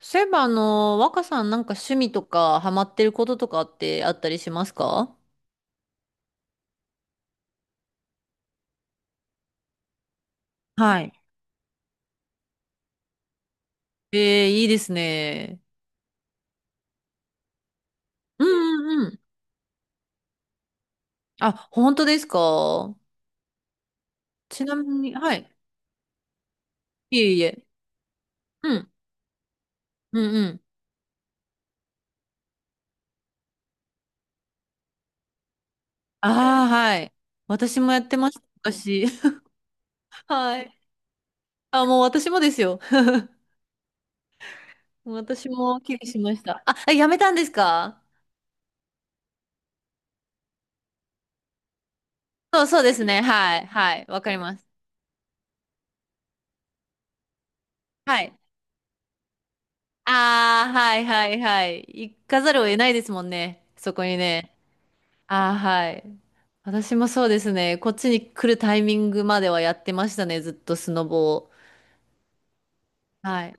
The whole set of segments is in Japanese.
そういえば、若さんなんか趣味とかハマってることとかってあったりしますか？はい。ええいいですね。うんうんうん。あ、本当ですか？ちなみに、はい。いえいえ。うん。うんうん。ああ、はい。私もやってました、昔。はい。あ、もう私もですよ。私も寄付しました。あ、えやめたんですか？そうそうですね。はい。はい。わかります。はい。ああ、はいはいはい。行かざるを得ないですもんね。そこにね。ああ、はい。私もそうですね。こっちに来るタイミングまではやってましたね。ずっとスノボを。はい。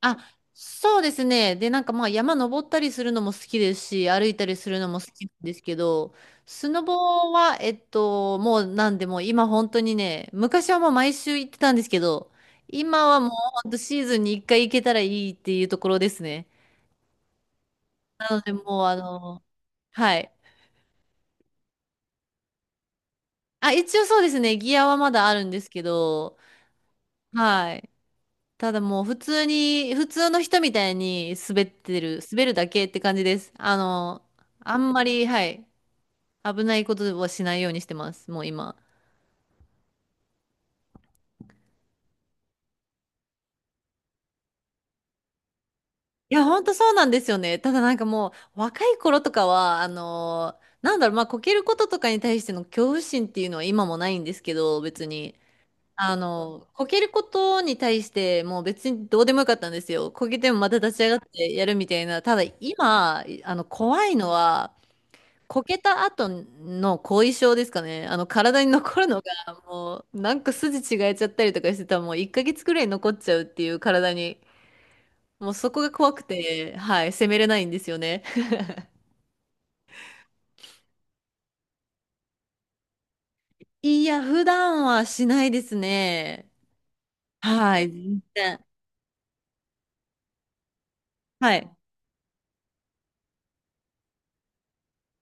あ、そうですね。で、なんかまあ山登ったりするのも好きですし、歩いたりするのも好きなんですけど、スノボは、もうなんでもう今本当にね、昔はもう毎週行ってたんですけど、今はもう本当シーズンに一回行けたらいいっていうところですね。なので、もう、はい。あ、一応そうですね。ギアはまだあるんですけど、はい。ただもう普通に、普通の人みたいに滑ってる、滑るだけって感じです。あんまり、はい。危ないことはしないようにしてます。もう今。いや、ほんとそうなんですよね。ただなんかもう、若い頃とかは、なんだろう、まあ、こけることとかに対しての恐怖心っていうのは今もないんですけど、別に。こけることに対してもう別にどうでもよかったんですよ。こけてもまた立ち上がってやるみたいな。ただ今、怖いのは、こけた後の後遺症ですかね。体に残るのが、もう、なんか筋違えちゃったりとかしてたら、もう1ヶ月くらい残っちゃうっていう体に、もうそこが怖くて、はい、責めれないんですよね。いや、普段はしないですね。はい、全然。はい。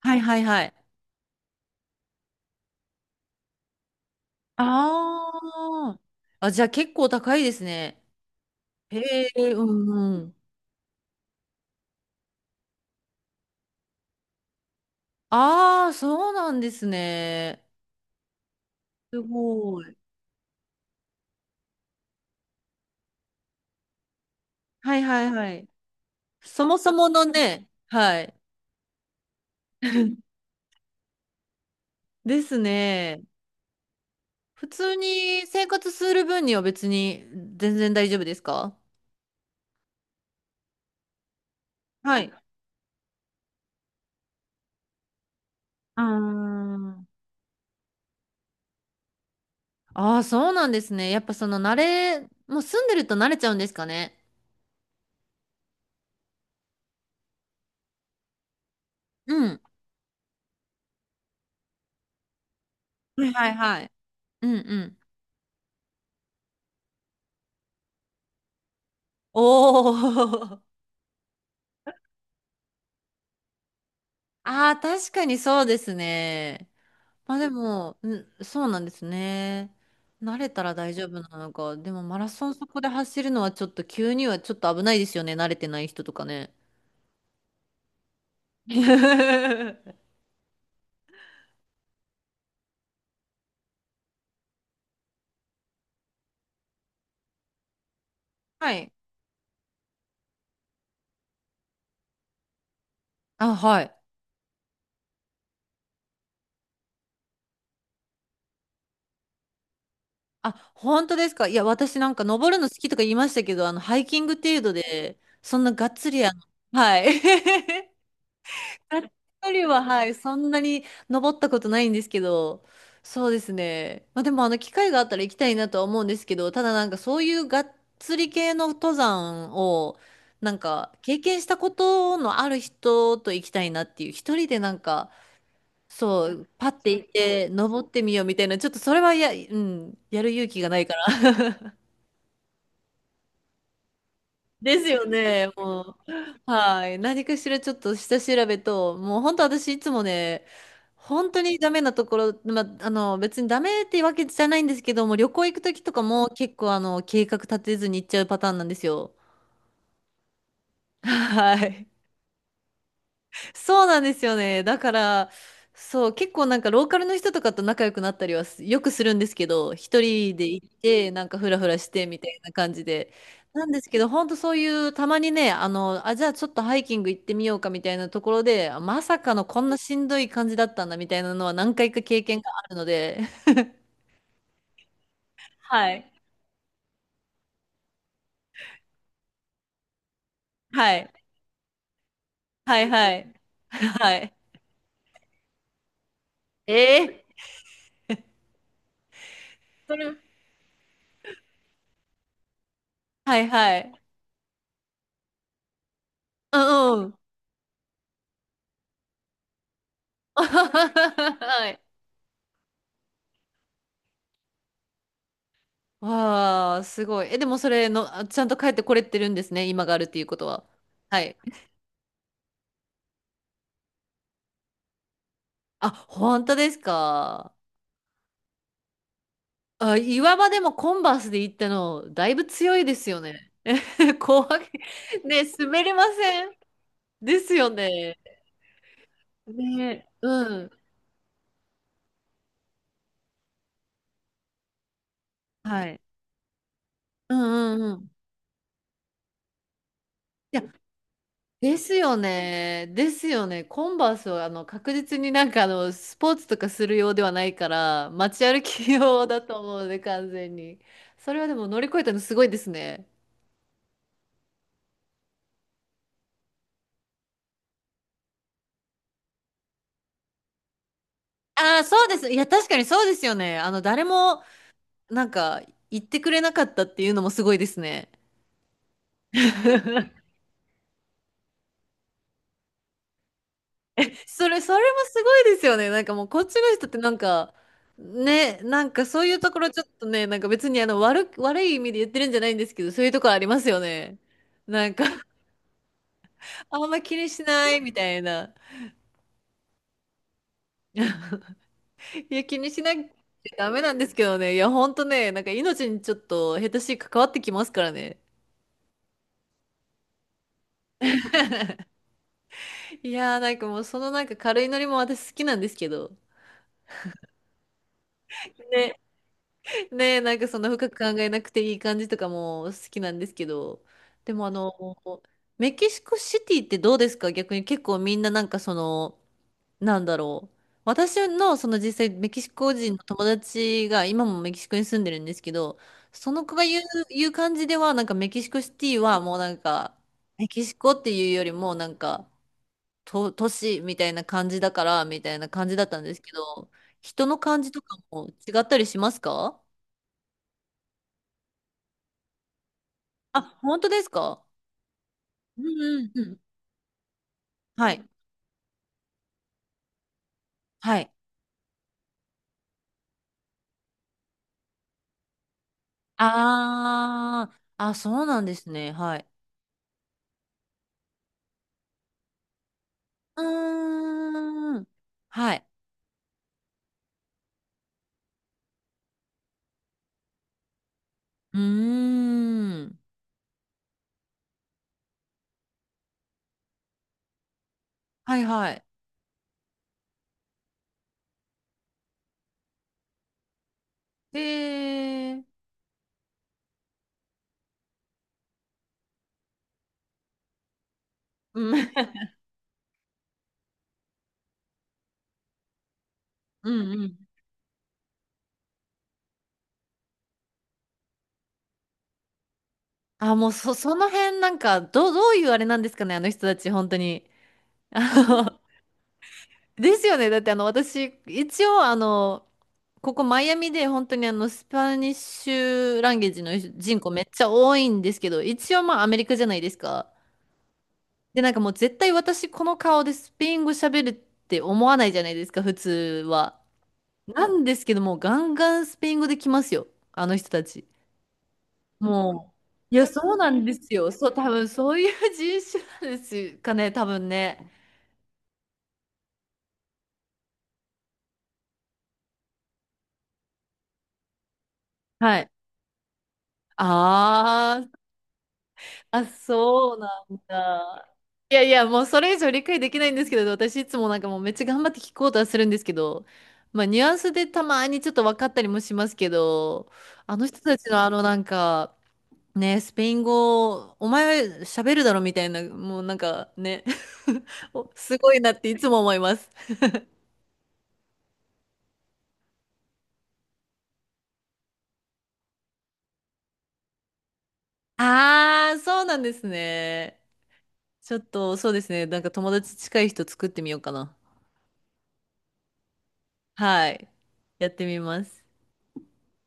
はいはいはい。ああ。あ、じゃあ結構高いですね。へえ、うんうん。ああ、そうなんですね。すごい。はいはいはい。そもそものね、はい。ですね。普通に生活する分には別に全然大丈夫ですか？はい。あーあー、そうなんですね。やっぱその慣れ、もう住んでると慣れちゃうんですかね。うん。はいはいはい。うんうん。おお。ああ、確かにそうですね。まあでも、ん、そうなんですね。慣れたら大丈夫なのか。でもマラソンそこで走るのはちょっと急にはちょっと危ないですよね。慣れてない人とかね。はい。あ、はい。あ、本当ですか。いや、私なんか登るの好きとか言いましたけど、ハイキング程度で、そんながっつりはい。一ッリは、はい、そんなに登ったことないんですけど、そうですね。まあでも、機会があったら行きたいなとは思うんですけど、ただなんかそういうがっつり系の登山を、なんか経験したことのある人と行きたいなっていう、一人でなんか、そう、パッて行って、登ってみようみたいな、ちょっとそれはや、うん、やる勇気がないから。ですよね、もう。はい。何かしらちょっと下調べと、もう本当私いつもね、本当にダメなところ、まあ、別にダメってわけじゃないんですけども、旅行行くときとかも結構計画立てずに行っちゃうパターンなんですよ。はい。そうなんですよね。だから、そう、結構なんかローカルの人とかと仲良くなったりはすよくするんですけど、一人で行って、なんかフラフラしてみたいな感じで。なんですけど、ほんとそういう、たまにね、あ、じゃあちょっとハイキング行ってみようかみたいなところで、あまさかのこんなしんどい感じだったんだみたいなのは何回か経験があるので、はい。はい。はい、はい。はい。ええそれ、はい、はい。うん、うん。はい。わあ、すごい。え、でもそれの、あちゃんと帰ってこれてるんですね。今があるっていうことは。はい。あ、本当ですか。あ、岩場でもコンバースで行ったの、だいぶ強いですよね。怖い。ね、滑りません。ですよね。ね、うん。はい。うんうんうん。いや、ですよね。ですよね。コンバースはあの確実になんかあのスポーツとかするようではないから街歩き用だと思うので完全に。それはでも乗り越えたのすごいですね。ああ、そうです。いや、確かにそうですよね。誰も、なんか、言ってくれなかったっていうのもすごいですね。それ、それもすごいですよね。なんかもう、こっちの人ってなんか、ね、なんかそういうところちょっとね、なんか別に悪く、悪い意味で言ってるんじゃないんですけど、そういうところありますよね。なんかあんま気にしないみたいな。いや、気にしなきゃダメなんですけどね。いや、ほんとね、なんか命にちょっと下手しい関わってきますからね。いやー、なんかもうそのなんか軽いノリも私好きなんですけど。ね、ね、なんかそんな深く考えなくていい感じとかも好きなんですけど。でもメキシコシティってどうですか？逆に結構みんななんかその、なんだろう。私のその実際メキシコ人の友達が今もメキシコに住んでるんですけど、その子が言う感じではなんかメキシコシティはもうなんかメキシコっていうよりもなんかと都市みたいな感じだからみたいな感じだったんですけど、人の感じとかも違ったりしますか？あ、本当ですか？うんうんうん。はい。はい。あー、あ、そうなんですね。はい。うーん。はい。うーん。はいはい。で、うん。うんうん。あ、もうそ、その辺なんか、どう、どういうあれなんですかね、あの人たち、本当に。あのですよね。だって私、一応、ここマイアミで本当にスパニッシュランゲージの人口めっちゃ多いんですけど、一応まあアメリカじゃないですか。で、なんかもう絶対私この顔でスペイン語喋るって思わないじゃないですか、普通は。なんですけども、ガンガンスペイン語で来ますよ。あの人たち。もう。いや、そうなんですよ。そう、多分そういう人種なんですかね、多分ね。はい。あー、あ、そうなんだ。いやいや、もうそれ以上理解できないんですけど、私いつもなんかもうめっちゃ頑張って聞こうとはするんですけど、まあニュアンスでたまにちょっと分かったりもしますけど、あの人たちのなんか、ねえ、スペイン語、お前喋るだろみたいな、もうなんかね、おすごいなっていつも思います。あー、そうなんですね。ちょっと、そうですね。なんか友達近い人作ってみようかな。はい。やってみます。